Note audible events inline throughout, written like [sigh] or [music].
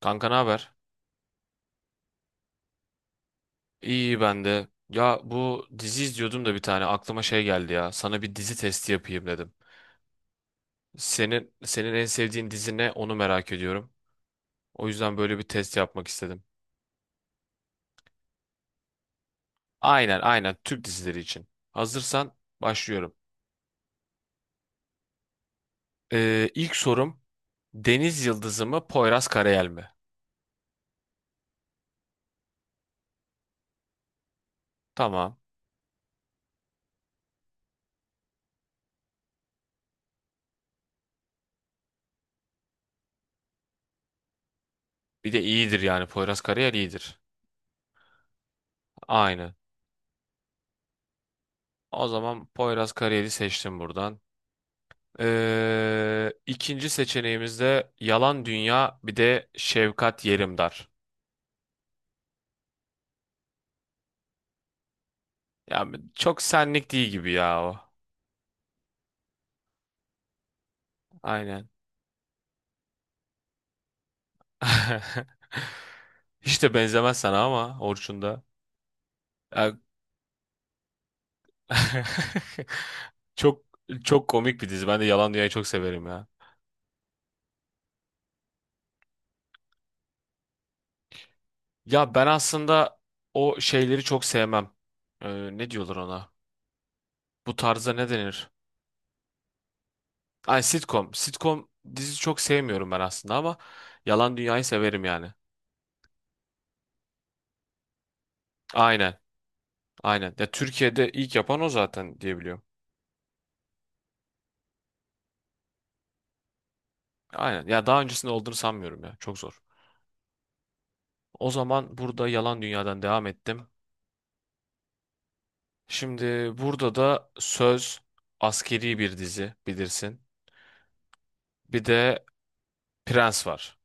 Kanka ne haber? İyi ben de. Ya bu dizi izliyordum da bir tane aklıma şey geldi ya. Sana bir dizi testi yapayım dedim. Senin en sevdiğin dizi ne? Onu merak ediyorum. O yüzden böyle bir test yapmak istedim. Aynen Türk dizileri için. Hazırsan başlıyorum. İlk sorum Deniz Yıldızı mı Poyraz Karayel mi? Tamam. Bir de iyidir yani Poyraz Karayel iyidir. Aynen. O zaman Poyraz Karayel'i seçtim buradan. İkinci seçeneğimizde yalan dünya bir de Şevkat Yerimdar. Ya çok senlik değil gibi ya o. Aynen. [laughs] Hiç de benzemez sana ama Orçun da. Ya- [laughs] Çok çok komik bir dizi. Ben de Yalan Dünya'yı çok severim ya. Ya ben aslında o şeyleri çok sevmem. Ne diyorlar ona? Bu tarza ne denir? Ay sitcom. Sitcom dizi çok sevmiyorum ben aslında ama Yalan Dünya'yı severim yani. Aynen. Aynen. Ya Türkiye'de ilk yapan o zaten diyebiliyorum. Aynen. Ya daha öncesinde olduğunu sanmıyorum ya. Çok zor. O zaman burada Yalan Dünya'dan devam ettim. Şimdi burada da Söz askeri bir dizi bilirsin. Bir de Prens var.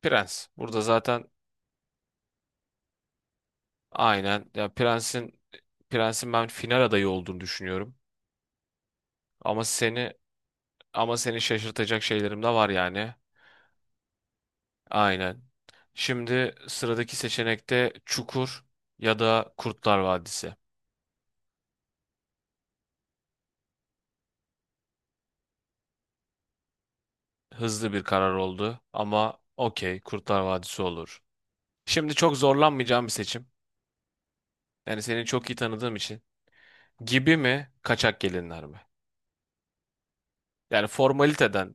Prens. Burada zaten aynen ya Prens'in ben final adayı olduğunu düşünüyorum. Ama seni ama seni şaşırtacak şeylerim de var yani. Aynen. Şimdi sıradaki seçenekte Çukur ya da Kurtlar Vadisi. Hızlı bir karar oldu ama okey Kurtlar Vadisi olur. Şimdi çok zorlanmayacağım bir seçim. Yani seni çok iyi tanıdığım için. Gibi mi, kaçak gelinler mi? Yani formaliteden,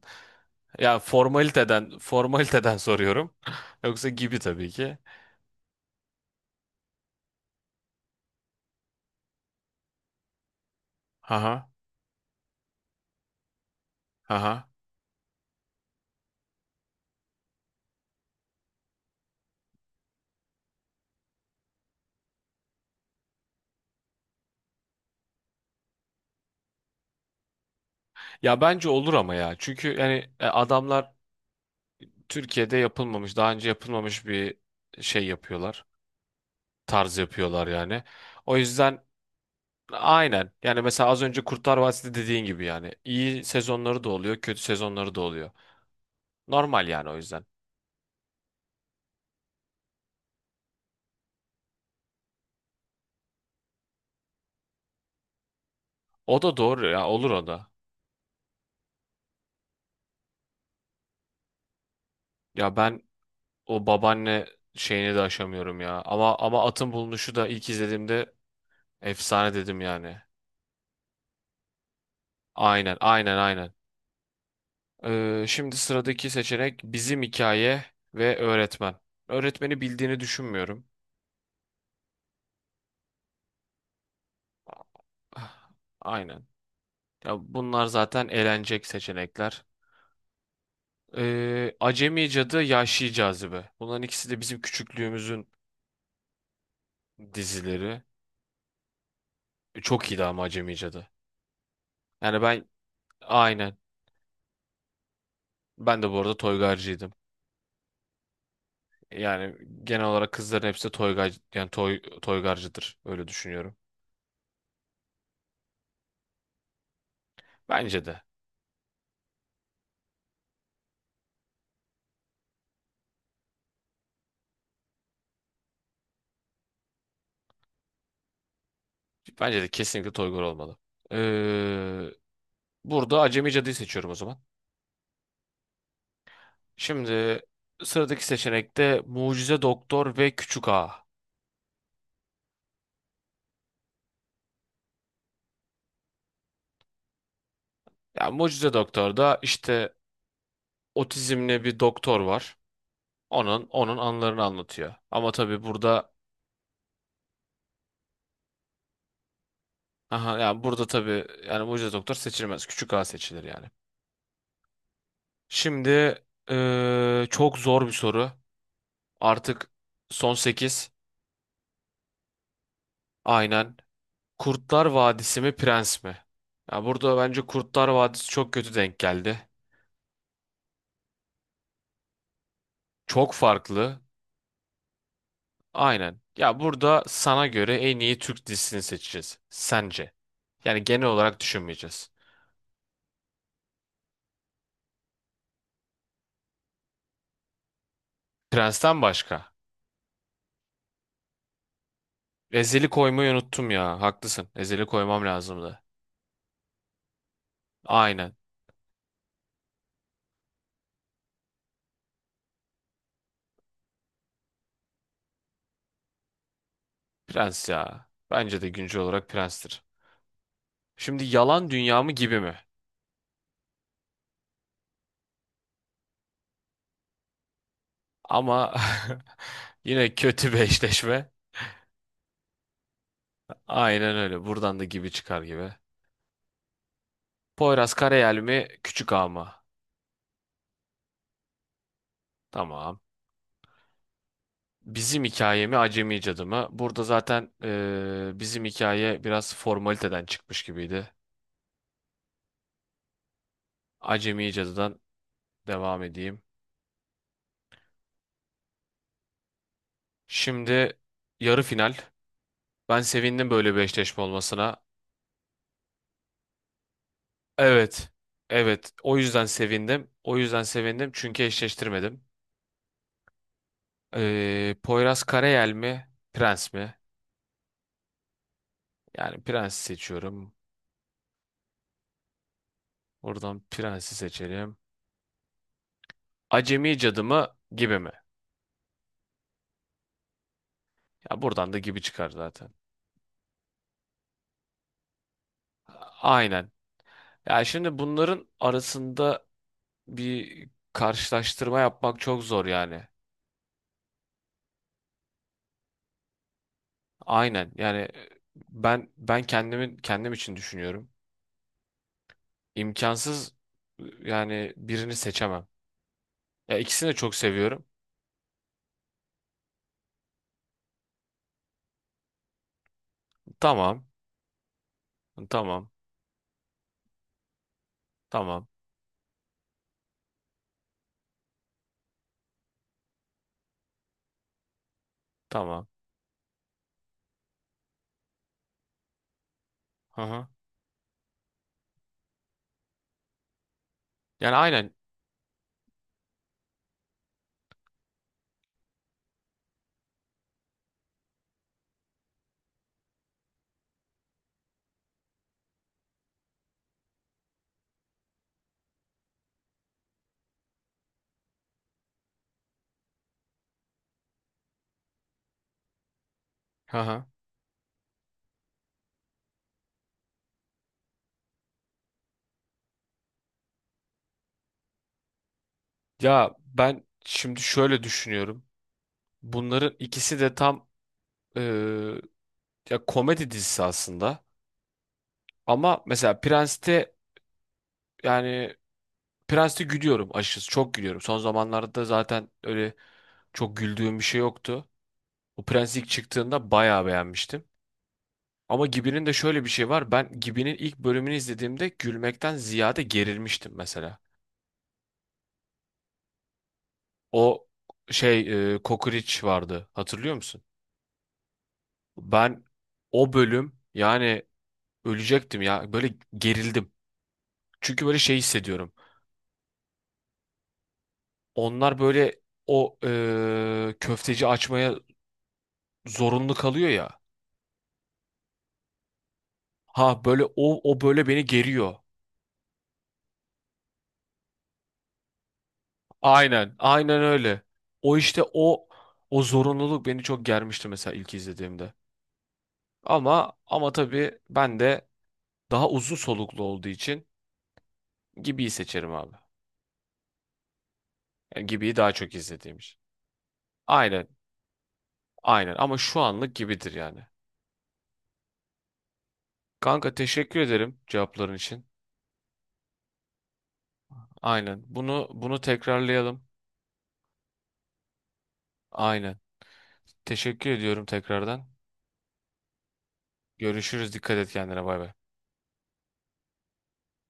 formaliteden [laughs] soruyorum. Yoksa gibi tabii ki. Haha, haha. Ya bence olur ama ya. Çünkü yani adamlar Türkiye'de yapılmamış, daha önce yapılmamış bir şey yapıyorlar. Tarz yapıyorlar yani. O yüzden aynen. Yani mesela az önce Kurtlar Vadisi dediğin gibi yani iyi sezonları da oluyor, kötü sezonları da oluyor. Normal yani o yüzden. O da doğru ya, olur o da. Ya ben o babaanne şeyini de aşamıyorum ya. Ama Atın Bulunuşu da ilk izlediğimde efsane dedim yani. Aynen, aynen, aynen. Şimdi sıradaki seçenek bizim hikaye ve öğretmen. Öğretmeni bildiğini düşünmüyorum. Ah, aynen. Ya bunlar zaten elenecek seçenekler. Acemi Cadı, Yahşi Cazibe. Bunların ikisi de bizim küçüklüğümüzün dizileri. E, çok iyiydi ama Acemi Cadı. Yani ben aynen. Ben de bu arada toygarcıydım. Yani genel olarak kızların hepsi de toygar yani toy toygarcıdır. Öyle düşünüyorum. Bence de. Bence de kesinlikle toygar olmalı. Ee, Burada Acemi Cadı'yı seçiyorum o zaman. Şimdi sıradaki seçenekte Mucize Doktor ve Küçük Ağa. Yani Mucize Doktor'da işte otizmli bir doktor var. Onun anılarını anlatıyor. Ama tabii burada aha yani burada tabii yani Mucize Doktor seçilmez. Küçük A seçilir yani. Şimdi çok zor bir soru. Artık son 8, aynen. Kurtlar Vadisi mi Prens mi? Ya burada bence Kurtlar Vadisi çok kötü denk geldi. Çok farklı. Aynen. Ya burada sana göre en iyi Türk dizisini seçeceğiz. Sence. Yani genel olarak düşünmeyeceğiz. Prens'ten başka. Ezeli koymayı unuttum ya. Haklısın. Ezeli koymam lazımdı. Aynen. Prens ya. Bence de güncel olarak prenstir. Şimdi yalan dünya mı gibi mi? Ama [laughs] yine kötü bir eşleşme. Aynen öyle. Buradan da gibi çıkar gibi. Poyraz Karayel mi? Küçük Ağa mı? Tamam. Bizim hikaye mi? Acemi Cadı mı? Burada zaten bizim hikaye biraz formaliteden çıkmış gibiydi. Acemi Cadı'dan devam edeyim. Şimdi yarı final. Ben sevindim böyle bir eşleşme olmasına. Evet. Evet. O yüzden sevindim. O yüzden sevindim çünkü eşleştirmedim. Poyraz Karayel mi? Prens mi? Yani Prens seçiyorum. Buradan Prens'i seçelim. Acemi Cadı mı? Gibi mi? Ya buradan da gibi çıkar zaten. Aynen. Ya şimdi bunların arasında bir karşılaştırma yapmak çok zor yani. Aynen. Yani ben kendimin kendim için düşünüyorum. İmkansız yani birini seçemem. Ya ikisini de çok seviyorum. Tamam. Tamam. Tamam. Tamam. Hı hı. Yani aynen. Hı hı. Ya ben şimdi şöyle düşünüyorum. Bunların ikisi de tam e, ya komedi dizisi aslında. Ama mesela Prens'te yani Prens'te gülüyorum açıkçası. Çok gülüyorum. Son zamanlarda zaten öyle çok güldüğüm bir şey yoktu. O Prens ilk çıktığında bayağı beğenmiştim. Ama Gibi'nin de şöyle bir şey var. Ben Gibi'nin ilk bölümünü izlediğimde gülmekten ziyade gerilmiştim mesela. O şey Kokoreç vardı. Hatırlıyor musun? Ben o bölüm yani ölecektim ya. Böyle gerildim. Çünkü böyle şey hissediyorum. Onlar böyle o köfteci açmaya zorunlu kalıyor ya. Ha böyle o böyle beni geriyor. Aynen, aynen öyle. O işte o zorunluluk beni çok germişti mesela ilk izlediğimde. Ama tabii ben de daha uzun soluklu olduğu için Gibi'yi seçerim abi. Yani Gibi'yi daha çok izlediğim için. Aynen. Aynen ama şu anlık Gibi'dir yani. Kanka teşekkür ederim cevapların için. Aynen. Bunu tekrarlayalım. Aynen. Teşekkür ediyorum tekrardan. Görüşürüz. Dikkat et kendine. Bay bay.